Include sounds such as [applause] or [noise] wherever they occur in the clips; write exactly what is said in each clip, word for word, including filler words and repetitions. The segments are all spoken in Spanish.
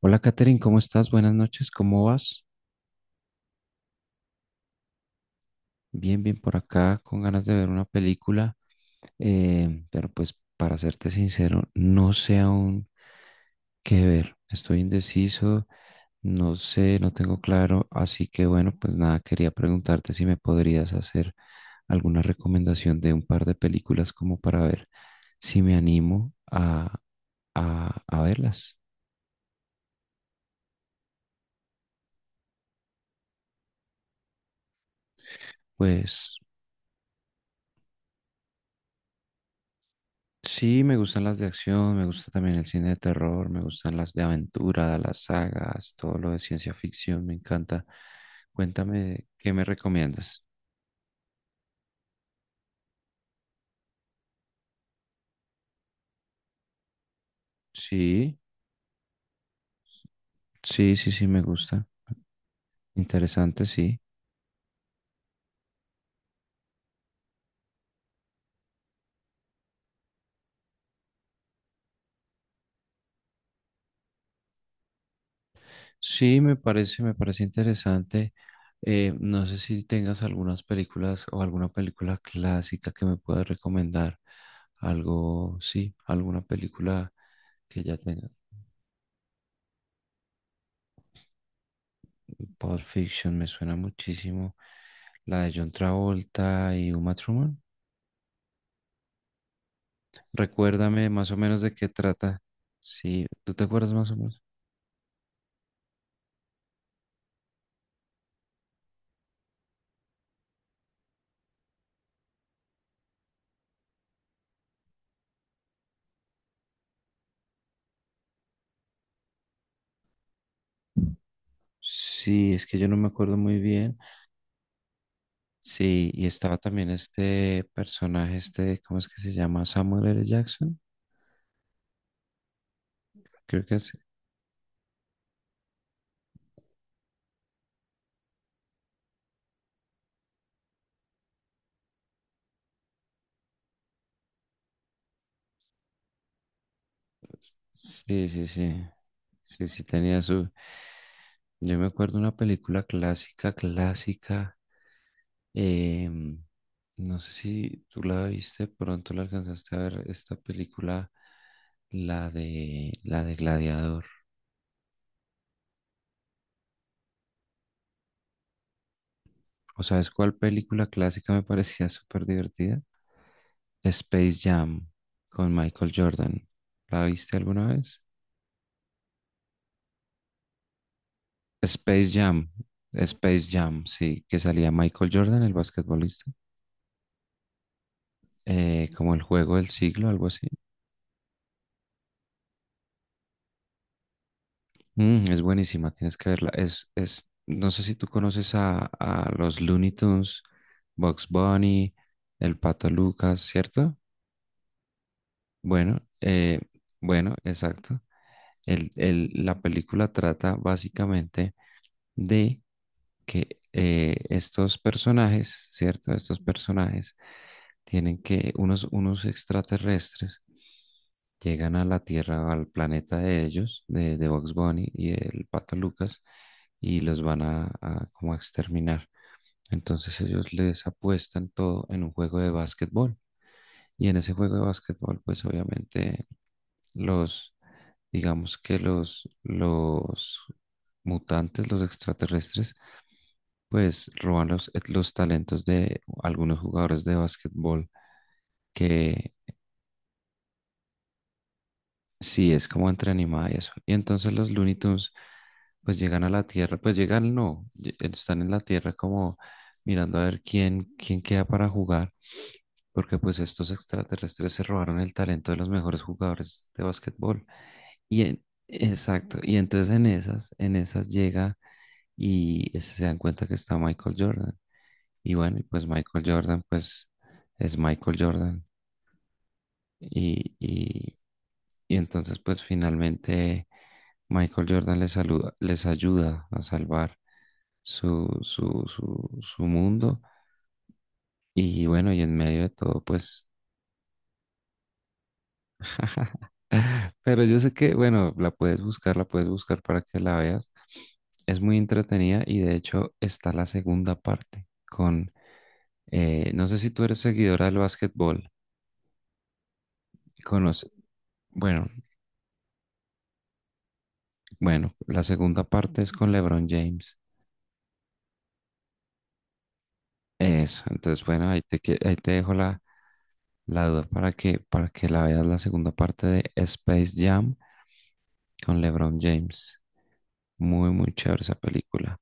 Hola, Katherine, ¿cómo estás? Buenas noches, ¿cómo vas? Bien, bien por acá, con ganas de ver una película, eh, pero pues para serte sincero, no sé aún qué ver. Estoy indeciso, no sé, no tengo claro, así que bueno, pues nada, quería preguntarte si me podrías hacer alguna recomendación de un par de películas como para ver si me animo a, a, a verlas. Pues sí, me gustan las de acción, me gusta también el cine de terror, me gustan las de aventura, las sagas, todo lo de ciencia ficción, me encanta. Cuéntame, ¿qué me recomiendas? Sí, sí, sí, sí, me gusta. Interesante, sí. Sí, me parece, me parece interesante. Eh, no sé si tengas algunas películas o alguna película clásica que me puedas recomendar. Algo, sí, alguna película que ya tenga. Pulp Fiction me suena muchísimo. La de John Travolta y Uma Thurman. Recuérdame más o menos de qué trata. Sí, ¿tú te acuerdas más o menos? Sí, es que yo no me acuerdo muy bien. Sí, y estaba también este personaje, este, ¿cómo es que se llama? Samuel L. Jackson. Creo que es. Sí, sí, sí. Sí, sí, tenía su... Yo me acuerdo una película clásica, clásica. Em, no sé si tú la viste, pronto la alcanzaste a ver esta película, la de la de Gladiador. ¿O sabes cuál película clásica me parecía súper divertida? Space Jam con Michael Jordan. ¿La viste alguna vez? Space Jam, Space Jam, sí, que salía Michael Jordan, el basquetbolista, eh, como el juego del siglo, algo así. Mm, es buenísima, tienes que verla. Es, es, no sé si tú conoces a, a los Looney Tunes, Bugs Bunny, el Pato Lucas, ¿cierto? Bueno, eh, bueno, exacto. El, el- la película trata básicamente de que eh, estos personajes, ¿cierto? Estos personajes tienen que, unos, unos extraterrestres llegan a la Tierra, al planeta de ellos, de, de Bugs Bunny y el Pato Lucas, y los van a, a como a exterminar. Entonces ellos les apuestan todo en un juego de básquetbol. Y en ese juego de básquetbol, pues obviamente los, digamos que los, los mutantes, los extraterrestres, pues roban los, eh, los talentos de algunos jugadores de básquetbol que sí es como entre animada y eso. Y entonces los Looney Tunes pues llegan a la Tierra, pues llegan no, lle- eh, están en la Tierra como mirando a ver quién, quién queda para jugar, porque pues estos extraterrestres se robaron el talento de los mejores jugadores de básquetbol. Y en- exacto, y entonces en esas, en esas llega y se dan cuenta que está Michael Jordan. Y bueno, y pues Michael Jordan, pues es Michael Jordan. Y, y, y entonces, pues finalmente Michael Jordan les, saluda, les ayuda a salvar su, su, su, su mundo. Y bueno, y en medio de todo, pues... [laughs] Pero yo sé que, bueno, la puedes buscar, la puedes buscar para que la veas. Es muy entretenida y de hecho está la segunda parte con... eh, no sé si tú eres seguidora del básquetbol. Conoce. Bueno, bueno, la segunda parte es con LeBron James. Eso, entonces bueno, ahí te, que- ahí te dejo la, la duda para que, para que la veas la segunda parte de Space Jam con LeBron James. Muy, muy chévere esa película.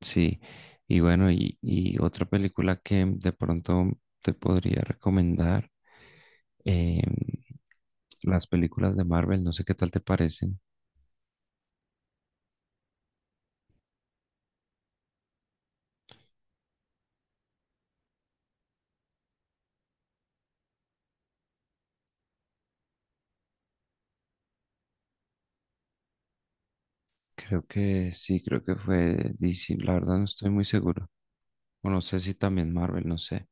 Sí, y bueno, y, y otra película que de pronto te podría recomendar, eh, las películas de Marvel, no sé qué tal te parecen. Creo que sí, creo que fue D C, la verdad no estoy muy seguro. O no sé si también Marvel, no sé.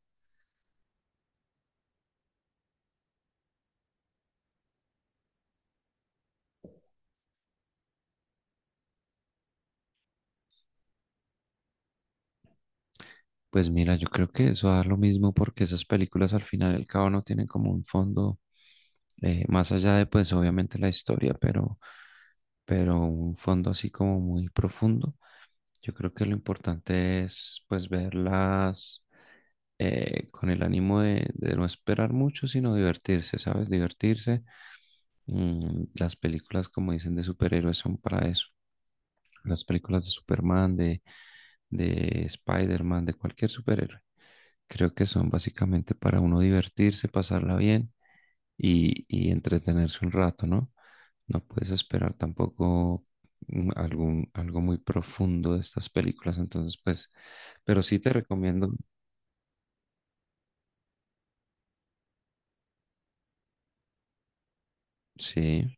Pues mira, yo creo que eso da lo mismo porque esas películas al final y al cabo no tienen como un fondo, eh, más allá de pues obviamente la historia, pero, pero un fondo así como muy profundo. Yo creo que lo importante es pues verlas eh, con el ánimo de, de no esperar mucho, sino divertirse, ¿sabes? Divertirse. Mm, las películas, como dicen, de superhéroes son para eso. Las películas de Superman, de, de Spider-Man, de cualquier superhéroe. Creo que son básicamente para uno divertirse, pasarla bien y, y entretenerse un rato, ¿no? No puedes esperar tampoco mm, algún, algo muy profundo de estas películas, entonces pues, pero sí te recomiendo, sí,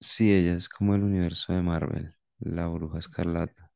sí, ella es como el universo de Marvel, la Bruja Escarlata.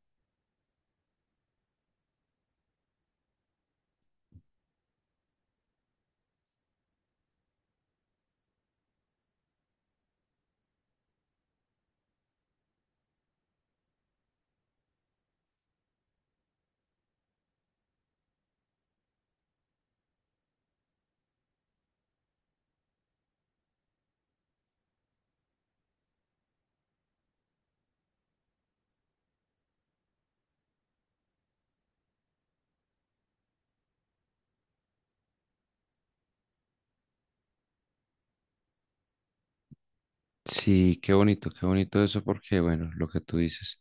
Sí, qué bonito, qué bonito eso porque, bueno, lo que tú dices.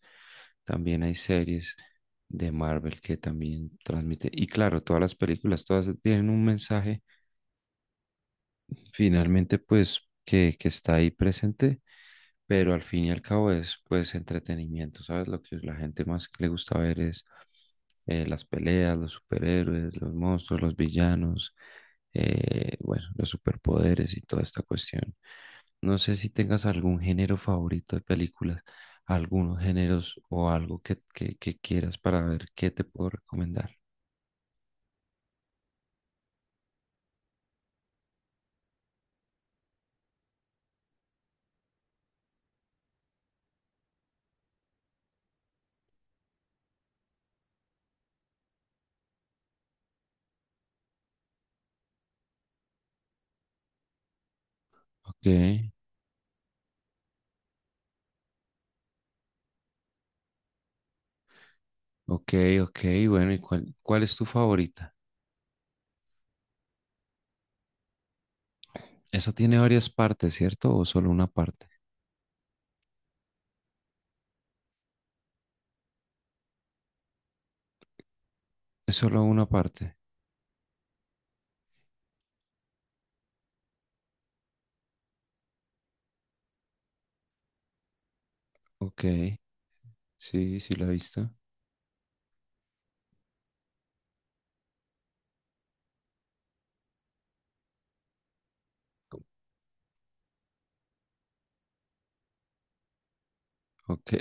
También hay series de Marvel que también transmite. Y claro, todas las películas, todas tienen un mensaje finalmente, pues, que, que está ahí presente, pero al fin y al cabo es, pues, entretenimiento, ¿sabes? Lo que la gente más que le gusta ver es eh, las peleas, los superhéroes, los monstruos, los villanos, eh, bueno, los superpoderes y toda esta cuestión. No sé si tengas algún género favorito de películas, algunos géneros o algo que, que, que quieras para ver qué te puedo recomendar. Ok, ok, ok. Bueno, ¿y cuál, cuál es tu favorita? Esa tiene varias partes, ¿cierto? ¿O solo una parte? Es solo una parte. Ok, sí, sí la he visto. Ok,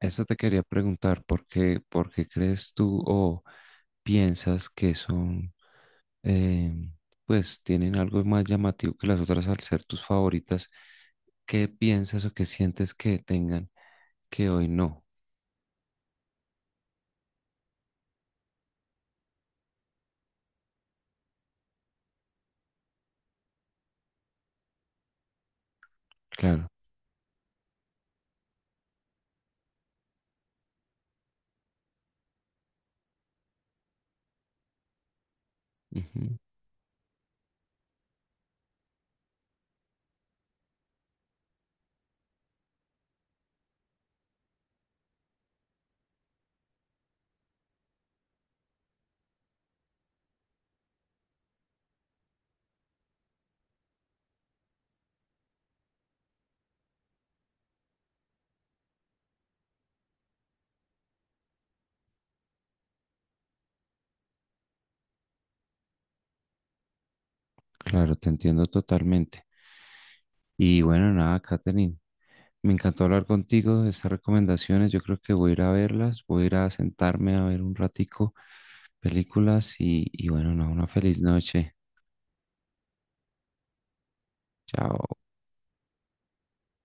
eso te quería preguntar, ¿por qué, por qué crees tú o piensas que son? eh, pues tienen algo más llamativo que las otras al ser tus favoritas. ¿Qué piensas o qué sientes que tengan que hoy no? Claro, ujú, claro, te entiendo totalmente. Y bueno, nada, Katherine, me encantó hablar contigo de estas recomendaciones. Yo creo que voy a ir a verlas, voy a ir a sentarme a ver un ratico películas y, y bueno, nada, una feliz noche. Chao.